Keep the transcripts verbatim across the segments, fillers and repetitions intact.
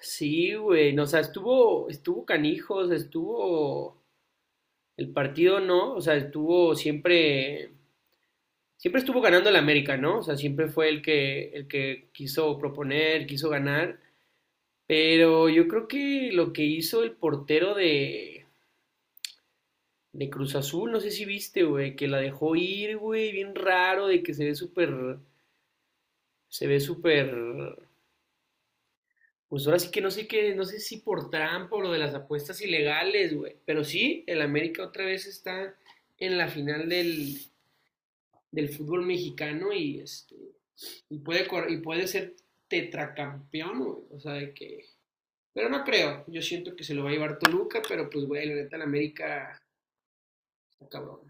Sí, güey, no, o sea, estuvo, estuvo canijos, estuvo el partido, ¿no? O sea, estuvo siempre, siempre estuvo ganando el América, ¿no? O sea, siempre fue el que, el que quiso proponer, quiso ganar, pero yo creo que lo que hizo el portero de, de Cruz Azul, no sé si viste, güey, que la dejó ir, güey, bien raro, de que se ve súper, se ve súper. Pues ahora sí que no sé qué, no sé si por trampa o lo de las apuestas ilegales, güey. Pero sí, el América otra vez está en la final del, del fútbol mexicano y este y puede cor- y puede ser tetracampeón, güey. O sea, de que pero no creo. Yo siento que se lo va a llevar Toluca, pero pues güey, la neta el América está cabrón.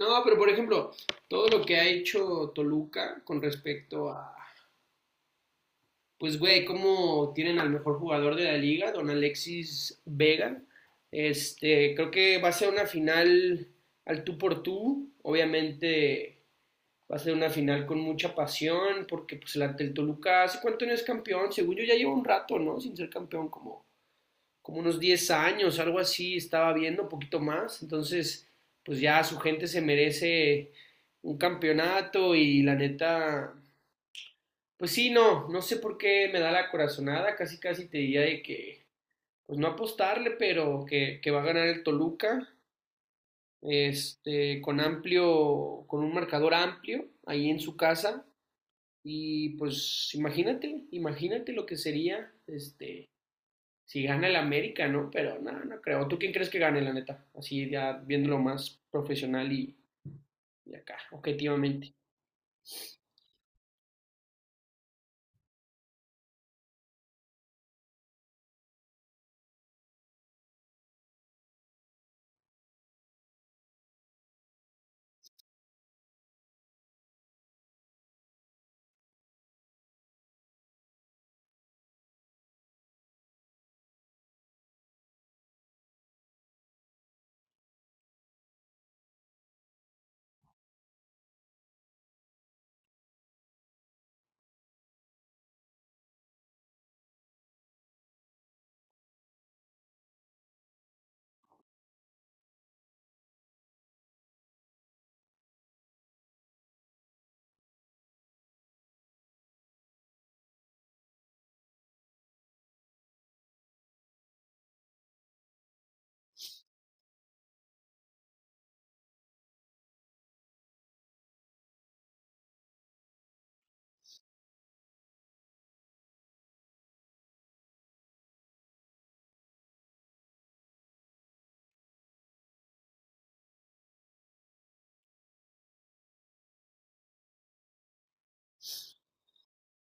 No, pero por ejemplo, todo lo que ha hecho Toluca con respecto a. Pues, güey, como tienen al mejor jugador de la liga, don Alexis Vega. Este, creo que va a ser una final al tú por tú. Obviamente va a ser una final con mucha pasión, porque pues el ante el Toluca, ¿hace cuánto no es campeón? Según yo ya lleva un rato, ¿no? Sin ser campeón, como, como unos diez años, algo así, estaba viendo, un poquito más. Entonces, pues ya su gente se merece un campeonato y la neta pues sí, no, no sé por qué me da la corazonada, casi casi te diría de que, pues no apostarle, pero que, que va a ganar el Toluca, este, con amplio, con un marcador amplio, ahí en su casa, y pues imagínate, imagínate lo que sería, este, si gana el América, ¿no? Pero no, no creo. ¿Tú quién crees que gane, la neta? Así ya viéndolo más profesional y, y acá, objetivamente.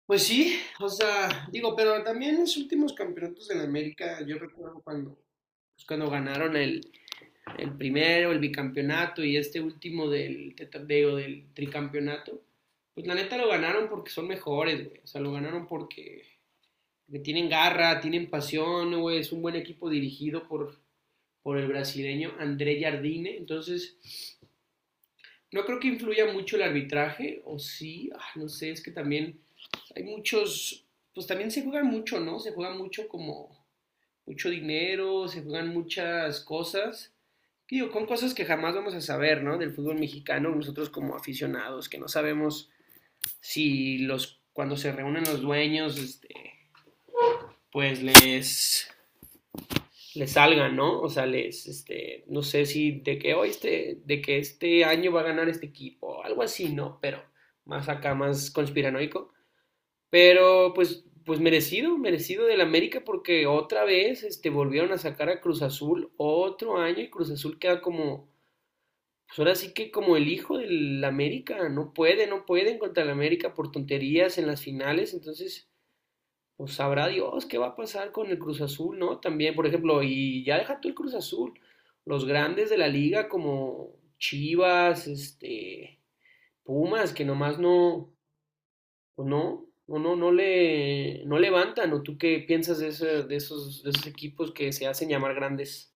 Pues sí, o sea, digo, pero también los últimos campeonatos de la América, yo recuerdo cuando, pues, cuando ganaron el, el primero, el bicampeonato y este último del, tetra- digo, del tricampeonato, pues la neta lo ganaron porque son mejores, güey. O sea, lo ganaron porque, porque tienen garra, tienen pasión, güey. Es un buen equipo dirigido por, por el brasileño André Jardine. Entonces, no creo que influya mucho el arbitraje, o sí, ah, no sé, es que también hay muchos, pues también se juega mucho, ¿no? Se juega mucho como mucho dinero, se juegan muchas cosas. Digo, con cosas que jamás vamos a saber, ¿no? Del fútbol mexicano, nosotros como aficionados, que no sabemos si los, cuando se reúnen los dueños, este, pues les les salgan, ¿no? O sea, les, este, no sé si de que hoy este, de que este año va a ganar este equipo, algo así, ¿no? Pero más acá, más conspiranoico. Pero pues, pues merecido, merecido del América porque otra vez, este, volvieron a sacar a Cruz Azul otro año y Cruz Azul queda como, pues ahora sí que como el hijo del América, no puede, no pueden contra el América por tonterías en las finales, entonces pues sabrá Dios qué va a pasar con el Cruz Azul, ¿no? También, por ejemplo, y ya deja tú el Cruz Azul, los grandes de la liga como Chivas, este, Pumas, que nomás no, pues no, no, no, no le, no levantan, ¿o tú qué piensas de, eso- de esos, de esos equipos que se hacen llamar grandes?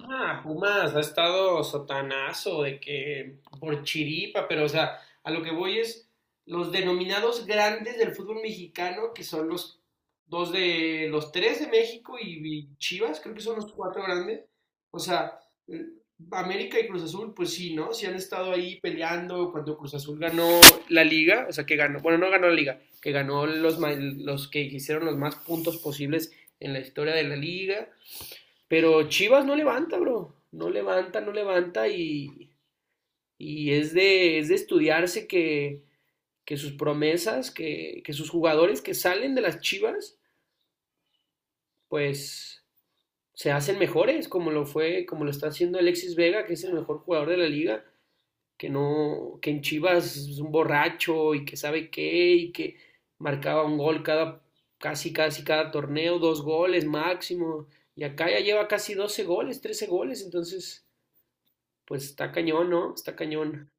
Ah, Pumas ha estado sotanazo de que por chiripa, pero o sea, a lo que voy es los denominados grandes del fútbol mexicano, que son los dos de los tres de México y, y Chivas, creo que son los cuatro grandes. O sea, eh, América y Cruz Azul, pues sí, ¿no? Sí han estado ahí peleando cuando Cruz Azul ganó la liga, o sea, que ganó, bueno, no ganó la liga, que ganó los, ma- los que hicieron los más puntos posibles en la historia de la liga, pero Chivas no levanta, bro. No levanta, no levanta y, y es, de, es de estudiarse que, que, sus promesas, que, que sus jugadores que salen de las Chivas, pues se hacen mejores, como lo fue, como lo está haciendo Alexis Vega, que es el mejor jugador de la liga, que no, que en Chivas es un borracho y que sabe qué, y que marcaba un gol cada, casi, casi cada torneo, dos goles máximo, y acá ya lleva casi doce goles, trece goles, entonces. Pues está cañón, ¿no? Está cañón.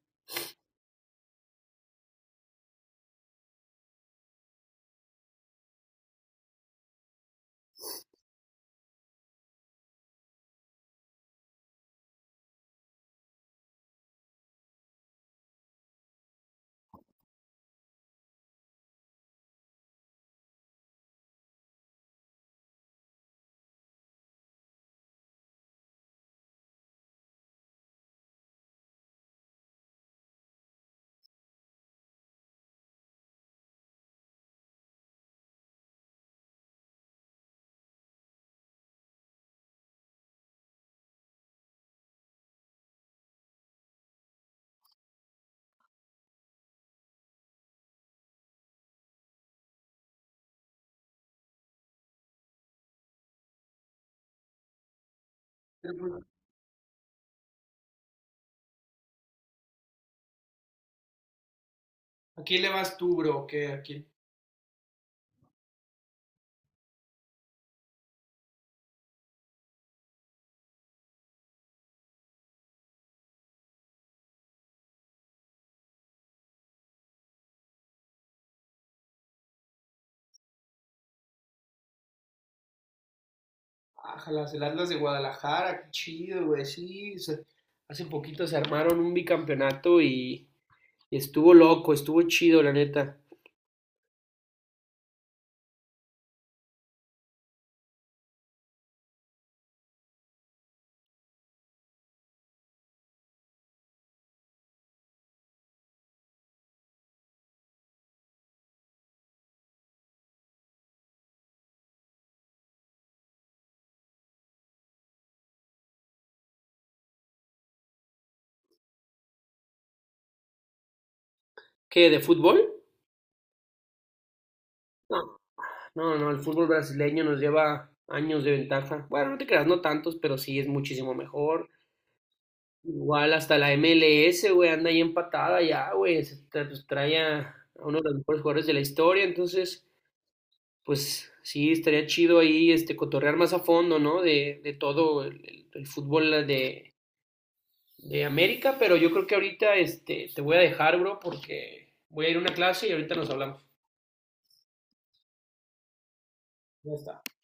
Pero, pues, ¿a quién le vas tú, bro? ¿Qué? ¿A quién? Ájalas, el Atlas de Guadalajara, qué chido, güey, sí. se- Hace poquito se armaron un bicampeonato y, y estuvo loco, estuvo chido, la neta. ¿Qué? ¿De fútbol? No, no, no, el fútbol brasileño nos lleva años de ventaja. Bueno, no te creas, no tantos, pero sí es muchísimo mejor. Igual hasta la M L S, güey, anda ahí empatada ya, güey. Se tra- pues, trae a a uno de los mejores jugadores de la historia. Entonces, pues sí, estaría chido ahí este, cotorrear más a fondo, ¿no? De, de todo el, el- el fútbol de, de América. Pero yo creo que ahorita este, te voy a dejar, bro, porque voy a ir a una clase y ahorita nos hablamos. Ya está.